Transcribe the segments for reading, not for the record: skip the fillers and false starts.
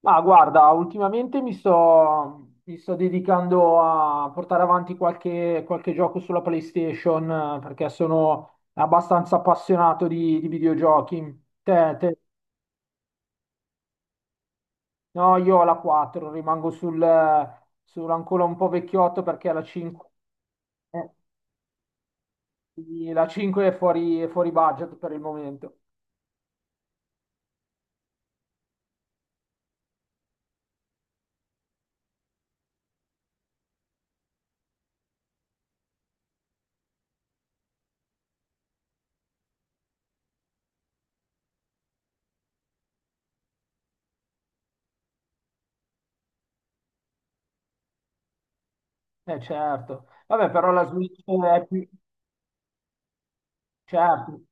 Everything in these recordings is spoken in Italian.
Ma guarda, ultimamente mi sto dedicando a portare avanti qualche gioco sulla PlayStation perché sono abbastanza appassionato di videogiochi. No, io ho la 4, rimango sul ancora un po' vecchiotto perché la 5, eh, sì, la 5 è fuori budget per il momento. Eh certo. Vabbè, però la Switch è più. Certo.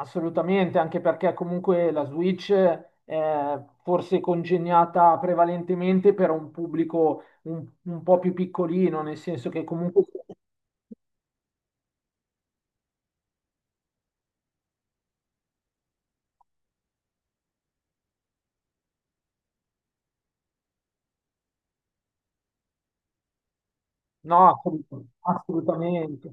Assolutamente, anche perché comunque la Switch è forse congegnata prevalentemente per un pubblico un po' più piccolino, nel senso che comunque. No, assolutamente.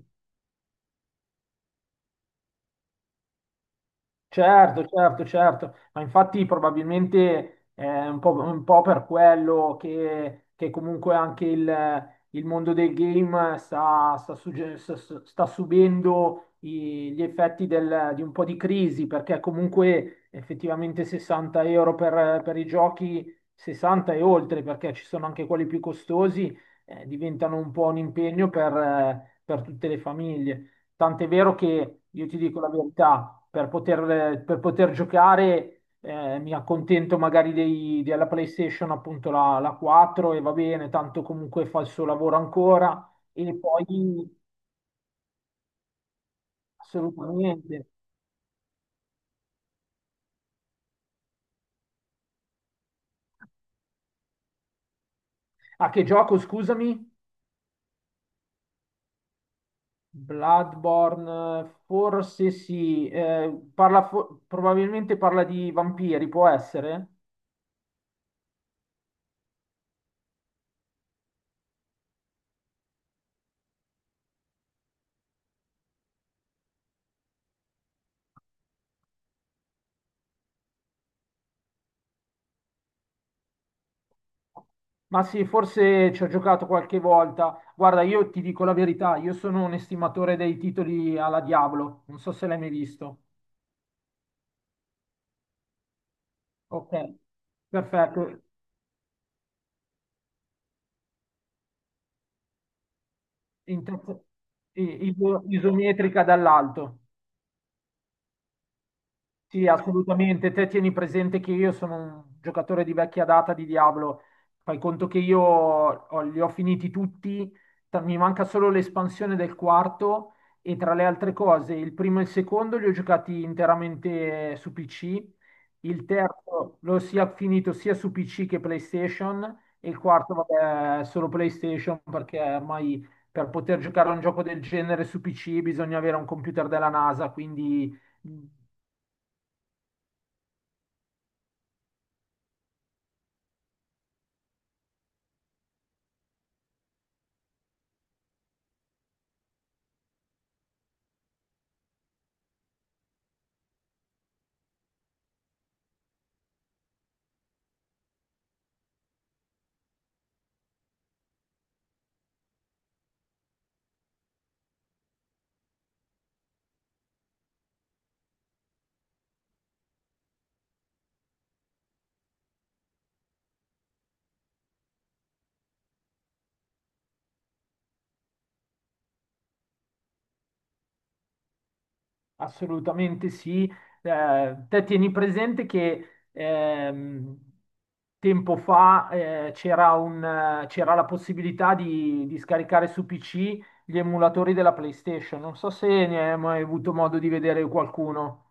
Certo, certo, certo, ma infatti probabilmente è un po' per quello che comunque anche il mondo del game sta subendo gli effetti di un po' di crisi, perché comunque effettivamente 60 euro per i giochi, 60 e oltre, perché ci sono anche quelli più costosi, diventano un po' un impegno per tutte le famiglie. Tant'è vero che io ti dico la verità, per poter giocare mi accontento magari della PlayStation, appunto la 4 e va bene, tanto comunque fa il suo lavoro ancora. E poi, assolutamente. A che gioco, scusami? Bloodborne, forse sì, parla probabilmente parla di vampiri, può essere? Ma sì, forse ci ho giocato qualche volta. Guarda, io ti dico la verità, io sono un estimatore dei titoli alla Diablo, non so se l'hai mai visto. Ok, perfetto. In terzo- i- iso- isometrica dall'alto. Sì, assolutamente. Te tieni presente che io sono un giocatore di vecchia data di Diablo. Fai conto che li ho finiti tutti, mi manca solo l'espansione del quarto e tra le altre cose, il primo e il secondo li ho giocati interamente su PC, il terzo l'ho sia finito sia su PC che PlayStation e il quarto, vabbè, solo PlayStation perché ormai per poter giocare a un gioco del genere su PC bisogna avere un computer della NASA, quindi assolutamente sì. Te tieni presente che tempo fa c'era la possibilità di scaricare su PC gli emulatori della PlayStation. Non so se ne hai mai avuto modo di vedere qualcuno.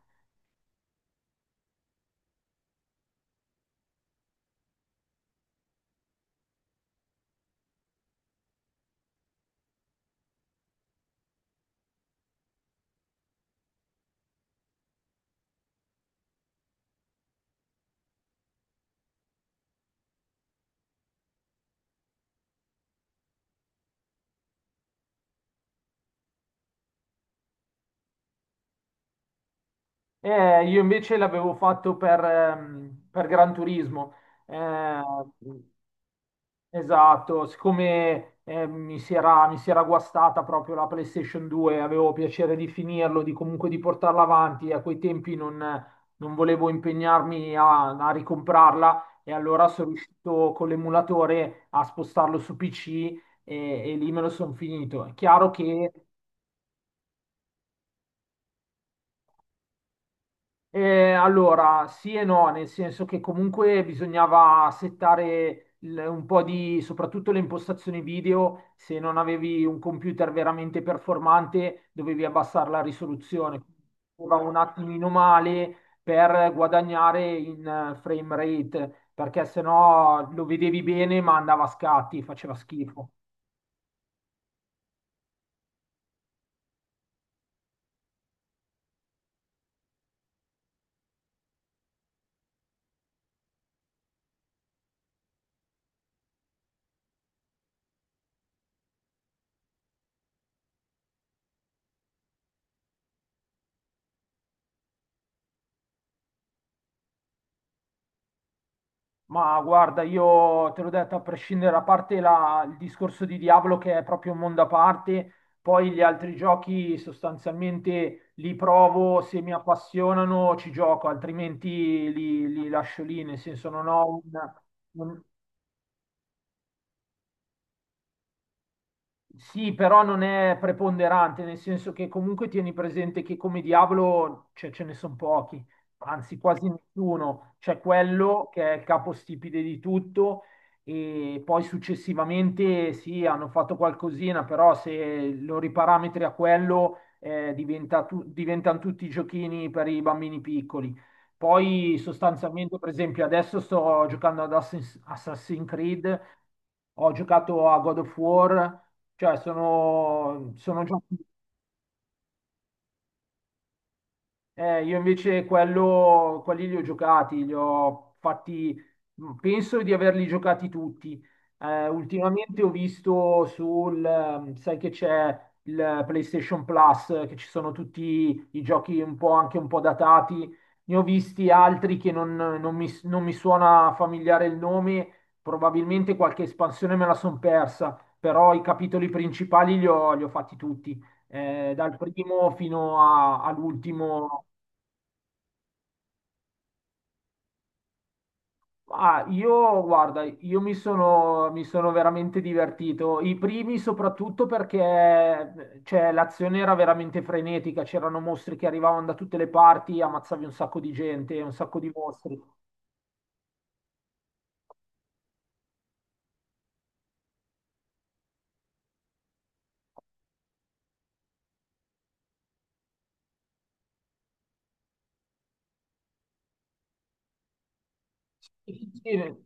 Io invece l'avevo fatto per Gran Turismo. Eh, Esatto, siccome mi si era guastata proprio la PlayStation 2, avevo piacere di finirlo, di comunque di portarla avanti, a quei tempi non volevo impegnarmi a ricomprarla e allora sono riuscito con l'emulatore a spostarlo su PC e lì me lo sono finito. È chiaro che. Allora, sì e no, nel senso che comunque bisognava settare un po' di, soprattutto le impostazioni video, se non avevi un computer veramente performante, dovevi abbassare la risoluzione. Era un attimino male per guadagnare in frame rate, perché sennò lo vedevi bene ma andava a scatti, faceva schifo. Ma guarda, io te l'ho detto, a prescindere, a parte il discorso di Diablo che è proprio un mondo a parte, poi gli altri giochi sostanzialmente li provo, se mi appassionano ci gioco, altrimenti li lascio lì, nel senso non ho un- Sì, però non è preponderante, nel senso che comunque tieni presente che come diavolo cioè, ce ne sono pochi, anzi quasi nessuno. C'è quello che è il capostipite di tutto e poi successivamente sì, hanno fatto qualcosina, però se lo riparametri a quello diventano tutti giochini per i bambini piccoli. Poi sostanzialmente, per esempio, adesso sto giocando ad Assassin's Creed, ho giocato a God of War cioè sono giochi. Io invece quelli li ho giocati, li ho fatti, penso di averli giocati tutti. Ultimamente ho visto sai che c'è il PlayStation Plus, che ci sono tutti i giochi un po' anche un po' datati. Ne ho visti altri che non mi suona familiare il nome, probabilmente qualche espansione me la son persa, però i capitoli principali li ho fatti tutti dal primo fino all'ultimo. Ah, io guarda, io mi sono veramente divertito. I primi soprattutto perché cioè, l'azione era veramente frenetica, c'erano mostri che arrivavano da tutte le parti, ammazzavi un sacco di gente, un sacco di mostri. Sì, sì.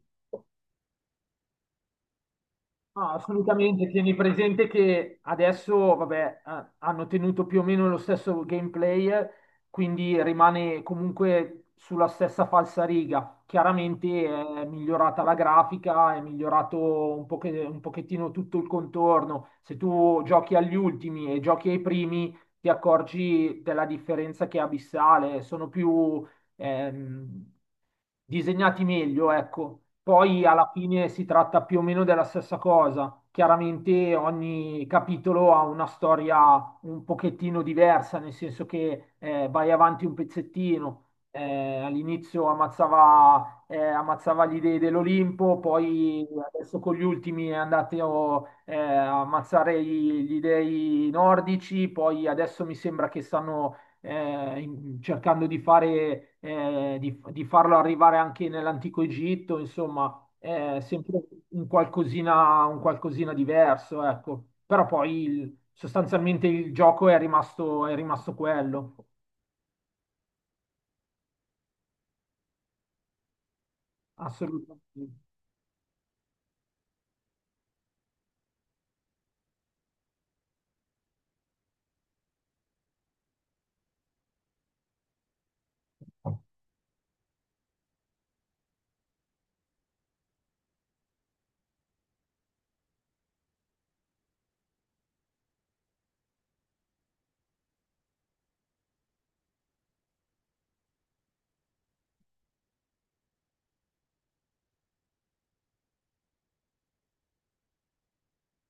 Ah, assolutamente, tieni presente che adesso, vabbè, hanno tenuto più o meno lo stesso gameplay, quindi rimane comunque sulla stessa falsariga. Chiaramente è migliorata la grafica, è migliorato un pochettino tutto il contorno. Se tu giochi agli ultimi e giochi ai primi, ti accorgi della differenza che è abissale. Sono più ehm, disegnati meglio, ecco. Poi alla fine si tratta più o meno della stessa cosa. Chiaramente ogni capitolo ha una storia un pochettino diversa, nel senso che vai avanti un pezzettino. All'inizio ammazzava, ammazzava gli dei dell'Olimpo, poi adesso con gli ultimi è andato a ammazzare gli dei nordici, poi adesso mi sembra che stanno cercando di fare, di farlo arrivare anche nell'antico Egitto, insomma, è sempre un qualcosina diverso, ecco. Però poi sostanzialmente il gioco è rimasto quello, assolutamente.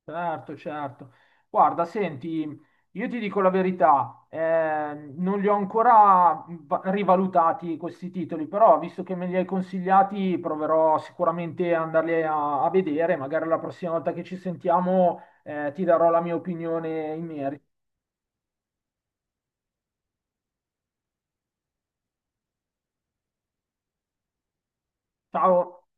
Certo, certo. Guarda, senti, io ti dico la verità, non li ho ancora rivalutati questi titoli, però visto che me li hai consigliati, proverò sicuramente ad andarli a vedere, magari la prossima volta che ci sentiamo, ti darò la mia opinione in merito. Ciao.